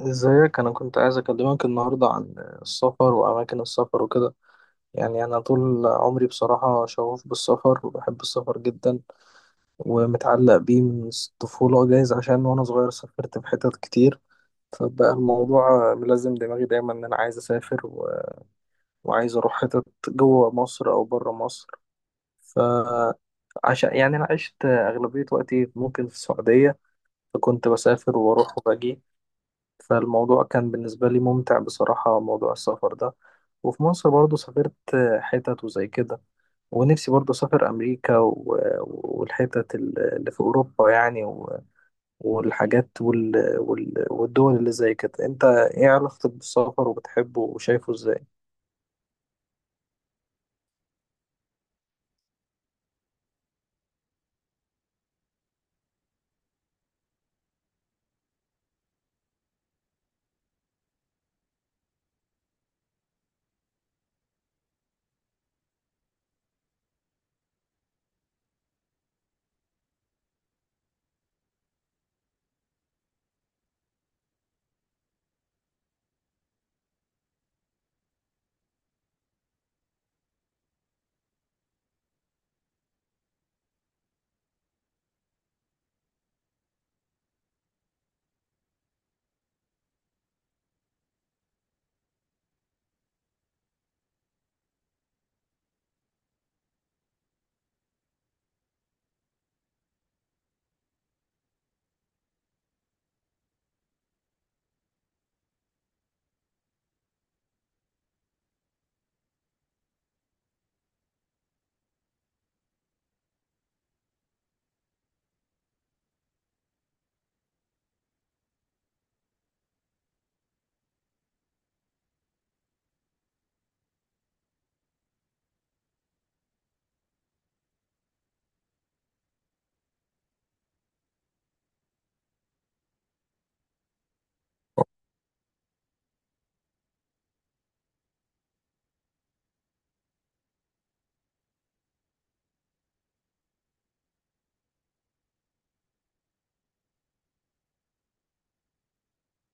ازيك، انا كنت عايز اكلمك النهارده عن السفر واماكن السفر وكده. يعني انا طول عمري بصراحه شغوف بالسفر، وبحب السفر جدا، ومتعلق بيه من الطفوله، جايز عشان وانا صغير سافرت في حتت كتير. فبقى الموضوع ملازم دماغي دايما ان انا عايز اسافر وعايز اروح حتت جوه مصر او بره مصر. فعشان يعني انا عشت اغلبيه وقتي ممكن في السعوديه، فكنت بسافر واروح وباجي. فالموضوع كان بالنسبة لي ممتع بصراحة، موضوع السفر ده. وفي مصر برضو سافرت حتت وزي كده. ونفسي برضو أسافر أمريكا والحتت اللي في أوروبا، يعني والحاجات والدول اللي زي كده. أنت إيه علاقتك بالسفر، وبتحبه وشايفه إزاي؟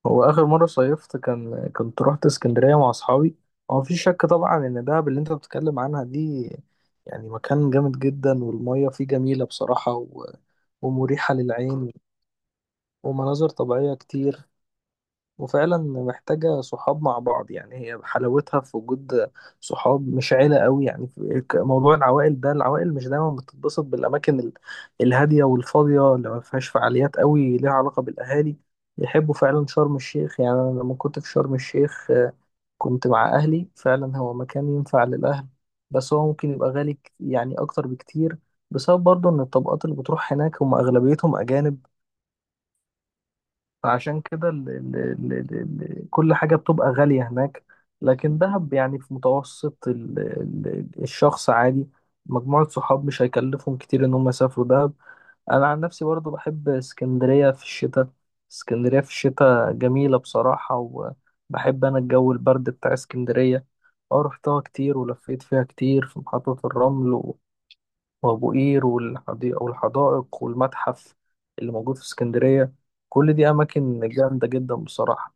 هو آخر مرة صيفت كان كنت رحت اسكندرية مع أصحابي. هو مفيش شك طبعا إن دهب اللي أنت بتتكلم عنها دي يعني مكان جامد جدا، والمية فيه جميلة بصراحة ومريحة للعين، ومناظر طبيعية كتير. وفعلا محتاجة صحاب مع بعض، يعني هي حلاوتها في وجود صحاب، مش عيلة قوي. يعني موضوع العوائل ده، العوائل مش دايما بتتبسط بالأماكن الهادية والفاضية اللي ما فيهاش فعاليات قوي ليها علاقة بالأهالي. يحبوا فعلا شرم الشيخ. يعني أنا لما كنت في شرم الشيخ آه، كنت مع أهلي، فعلا هو مكان ينفع للأهل. بس هو ممكن يبقى غالي يعني أكتر بكتير، بسبب برضه إن الطبقات اللي بتروح هناك هم أغلبيتهم أجانب. فعشان كده ال كل حاجة بتبقى غالية هناك. لكن دهب يعني في متوسط ال الشخص عادي، مجموعة صحاب، مش هيكلفهم كتير إن هم يسافروا دهب. أنا عن نفسي برضو بحب اسكندرية في الشتاء، اسكندرية في الشتاء جميلة بصراحة، وبحب أنا الجو البرد بتاع اسكندرية. اه، رحتها كتير ولفيت فيها كتير، في محطة الرمل وأبو قير والحدائق والمتحف اللي موجود في اسكندرية. كل دي أماكن جامدة جدا بصراحة.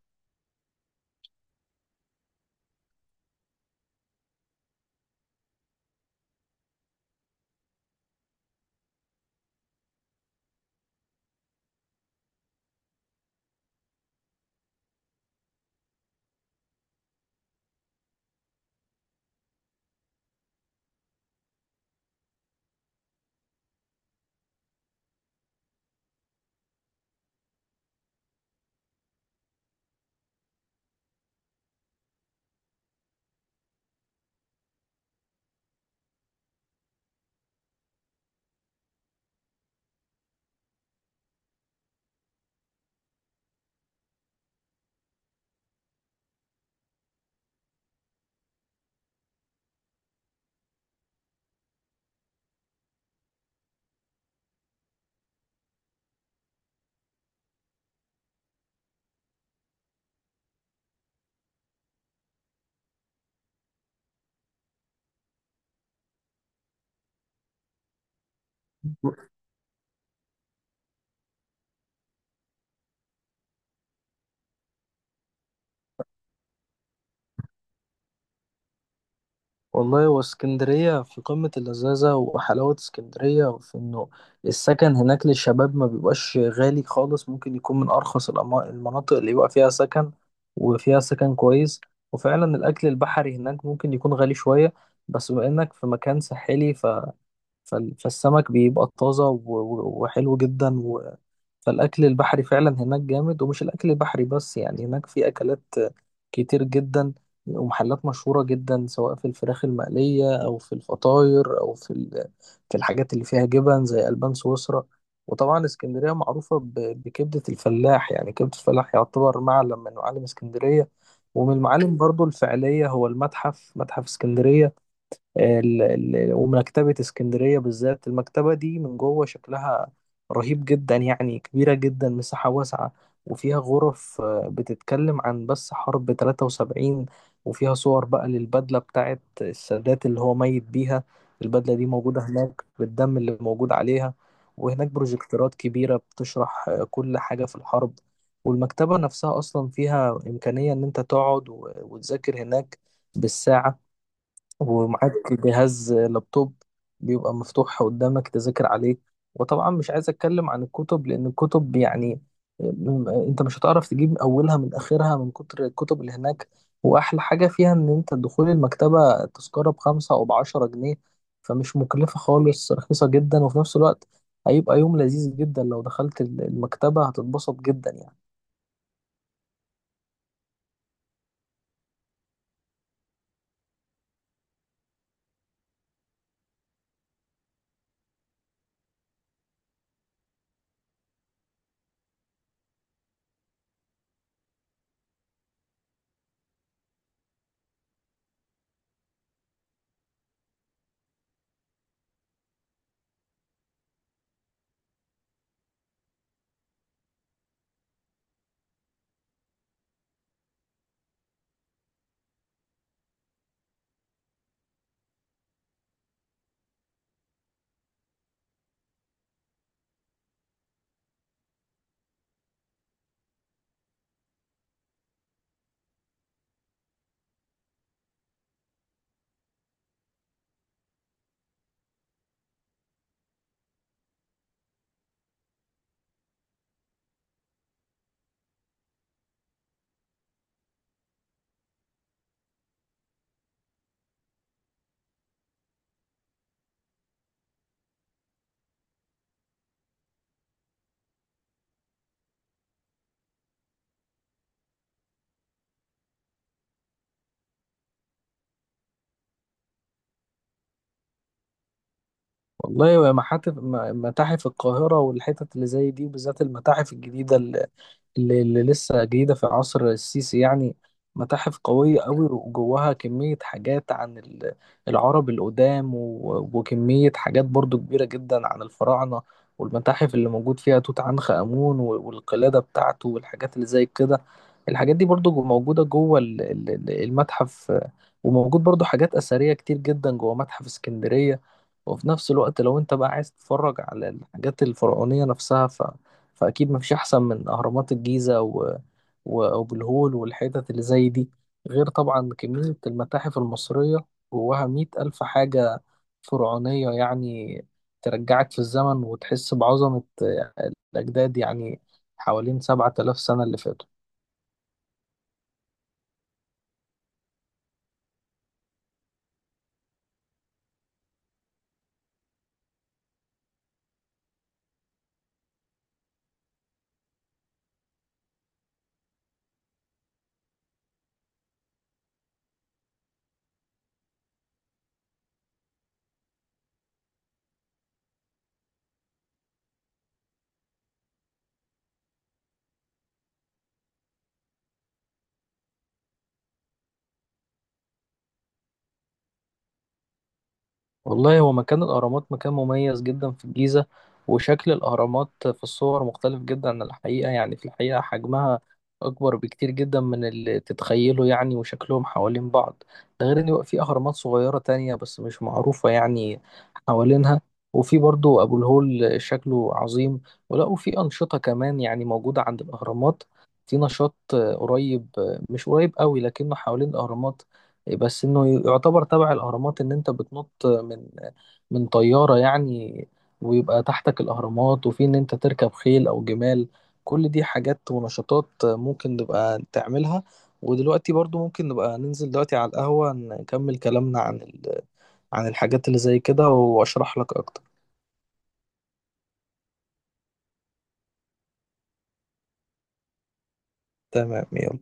والله، واسكندرية في قمة اللذاذة. وحلاوة اسكندرية وفي إنه السكن هناك للشباب ما بيبقاش غالي خالص، ممكن يكون من أرخص المناطق اللي يبقى فيها سكن، وفيها سكن كويس. وفعلا الأكل البحري هناك ممكن يكون غالي شوية، بس بما إنك في مكان ساحلي، فالسمك بيبقى طازة وحلو جدا فالأكل البحري فعلا هناك جامد. ومش الأكل البحري بس، يعني هناك في أكلات كتير جدا، ومحلات مشهورة جدا، سواء في الفراخ المقلية أو في الفطاير أو في في الحاجات اللي فيها جبن زي ألبان سويسرا. وطبعا اسكندرية معروفة بكبدة الفلاح، يعني كبدة الفلاح يعتبر معلم من معالم اسكندرية. ومن المعالم برضو الفعلية هو المتحف، متحف اسكندرية، ال- ومكتبة اسكندرية. بالذات المكتبة دي من جوه شكلها رهيب جدا، يعني كبيرة جدا، مساحة واسعة. وفيها غرف بتتكلم عن بس حرب 73، وفيها صور بقى للبدلة بتاعت السادات اللي هو ميت بيها. البدلة دي موجودة هناك بالدم اللي موجود عليها. وهناك بروجكتورات كبيرة بتشرح كل حاجة في الحرب. والمكتبة نفسها أصلا فيها إمكانية إن أنت تقعد وتذاكر هناك بالساعة، ومعاك جهاز لابتوب بيبقى مفتوح قدامك تذاكر عليه. وطبعا مش عايز اتكلم عن الكتب، لان الكتب يعني انت مش هتعرف تجيب اولها من اخرها من كتر الكتب اللي هناك. واحلى حاجة فيها ان انت دخول المكتبة تذكرة ب5 او ب10 جنيه، فمش مكلفة خالص، رخيصة جدا. وفي نفس الوقت هيبقى يوم لذيذ جدا لو دخلت المكتبة، هتتبسط جدا يعني. والله، متاحف، متاحف القاهرة والحتت اللي زي دي، بالذات المتاحف الجديدة اللي لسه جديدة في عصر السيسي يعني، متاحف قوية قوي، وجواها كمية حاجات عن العرب القدام، وكمية حاجات برضو كبيرة جدا عن الفراعنة. والمتاحف اللي موجود فيها توت عنخ آمون والقلادة بتاعته والحاجات اللي زي كده، الحاجات دي برضو موجودة جوه المتحف. وموجود برضو حاجات أثرية كتير جدا جوه متحف اسكندرية. وفي نفس الوقت لو انت بقى عايز تتفرج على الحاجات الفرعونية نفسها، فأكيد مفيش أحسن من أهرامات الجيزة وأبو الهول والحتت اللي زي دي، غير طبعا كمية المتاحف المصرية، جواها مئة ألف حاجة فرعونية يعني، ترجعك في الزمن وتحس بعظمة الأجداد، يعني حوالين 7000 سنة اللي فاتوا. والله، هو مكان الأهرامات مكان مميز جدا في الجيزة. وشكل الأهرامات في الصور مختلف جدا عن الحقيقة، يعني في الحقيقة حجمها أكبر بكتير جدا من اللي تتخيله يعني، وشكلهم حوالين بعض. ده غير إن بيبقى في أهرامات صغيرة تانية بس مش معروفة يعني حوالينها. وفي برضو أبو الهول، شكله عظيم. وفي أنشطة كمان يعني موجودة عند الأهرامات، في نشاط آه، قريب آه، مش قريب قوي لكنه حوالين الأهرامات، بس انه يعتبر تبع الاهرامات، ان انت بتنط من من طيارة يعني، ويبقى تحتك الاهرامات. وفي ان انت تركب خيل او جمال، كل دي حاجات ونشاطات ممكن نبقى تعملها. ودلوقتي برضو ممكن نبقى ننزل دلوقتي على القهوة نكمل كلامنا عن عن الحاجات اللي زي كده، واشرح لك اكتر. تمام، يلا.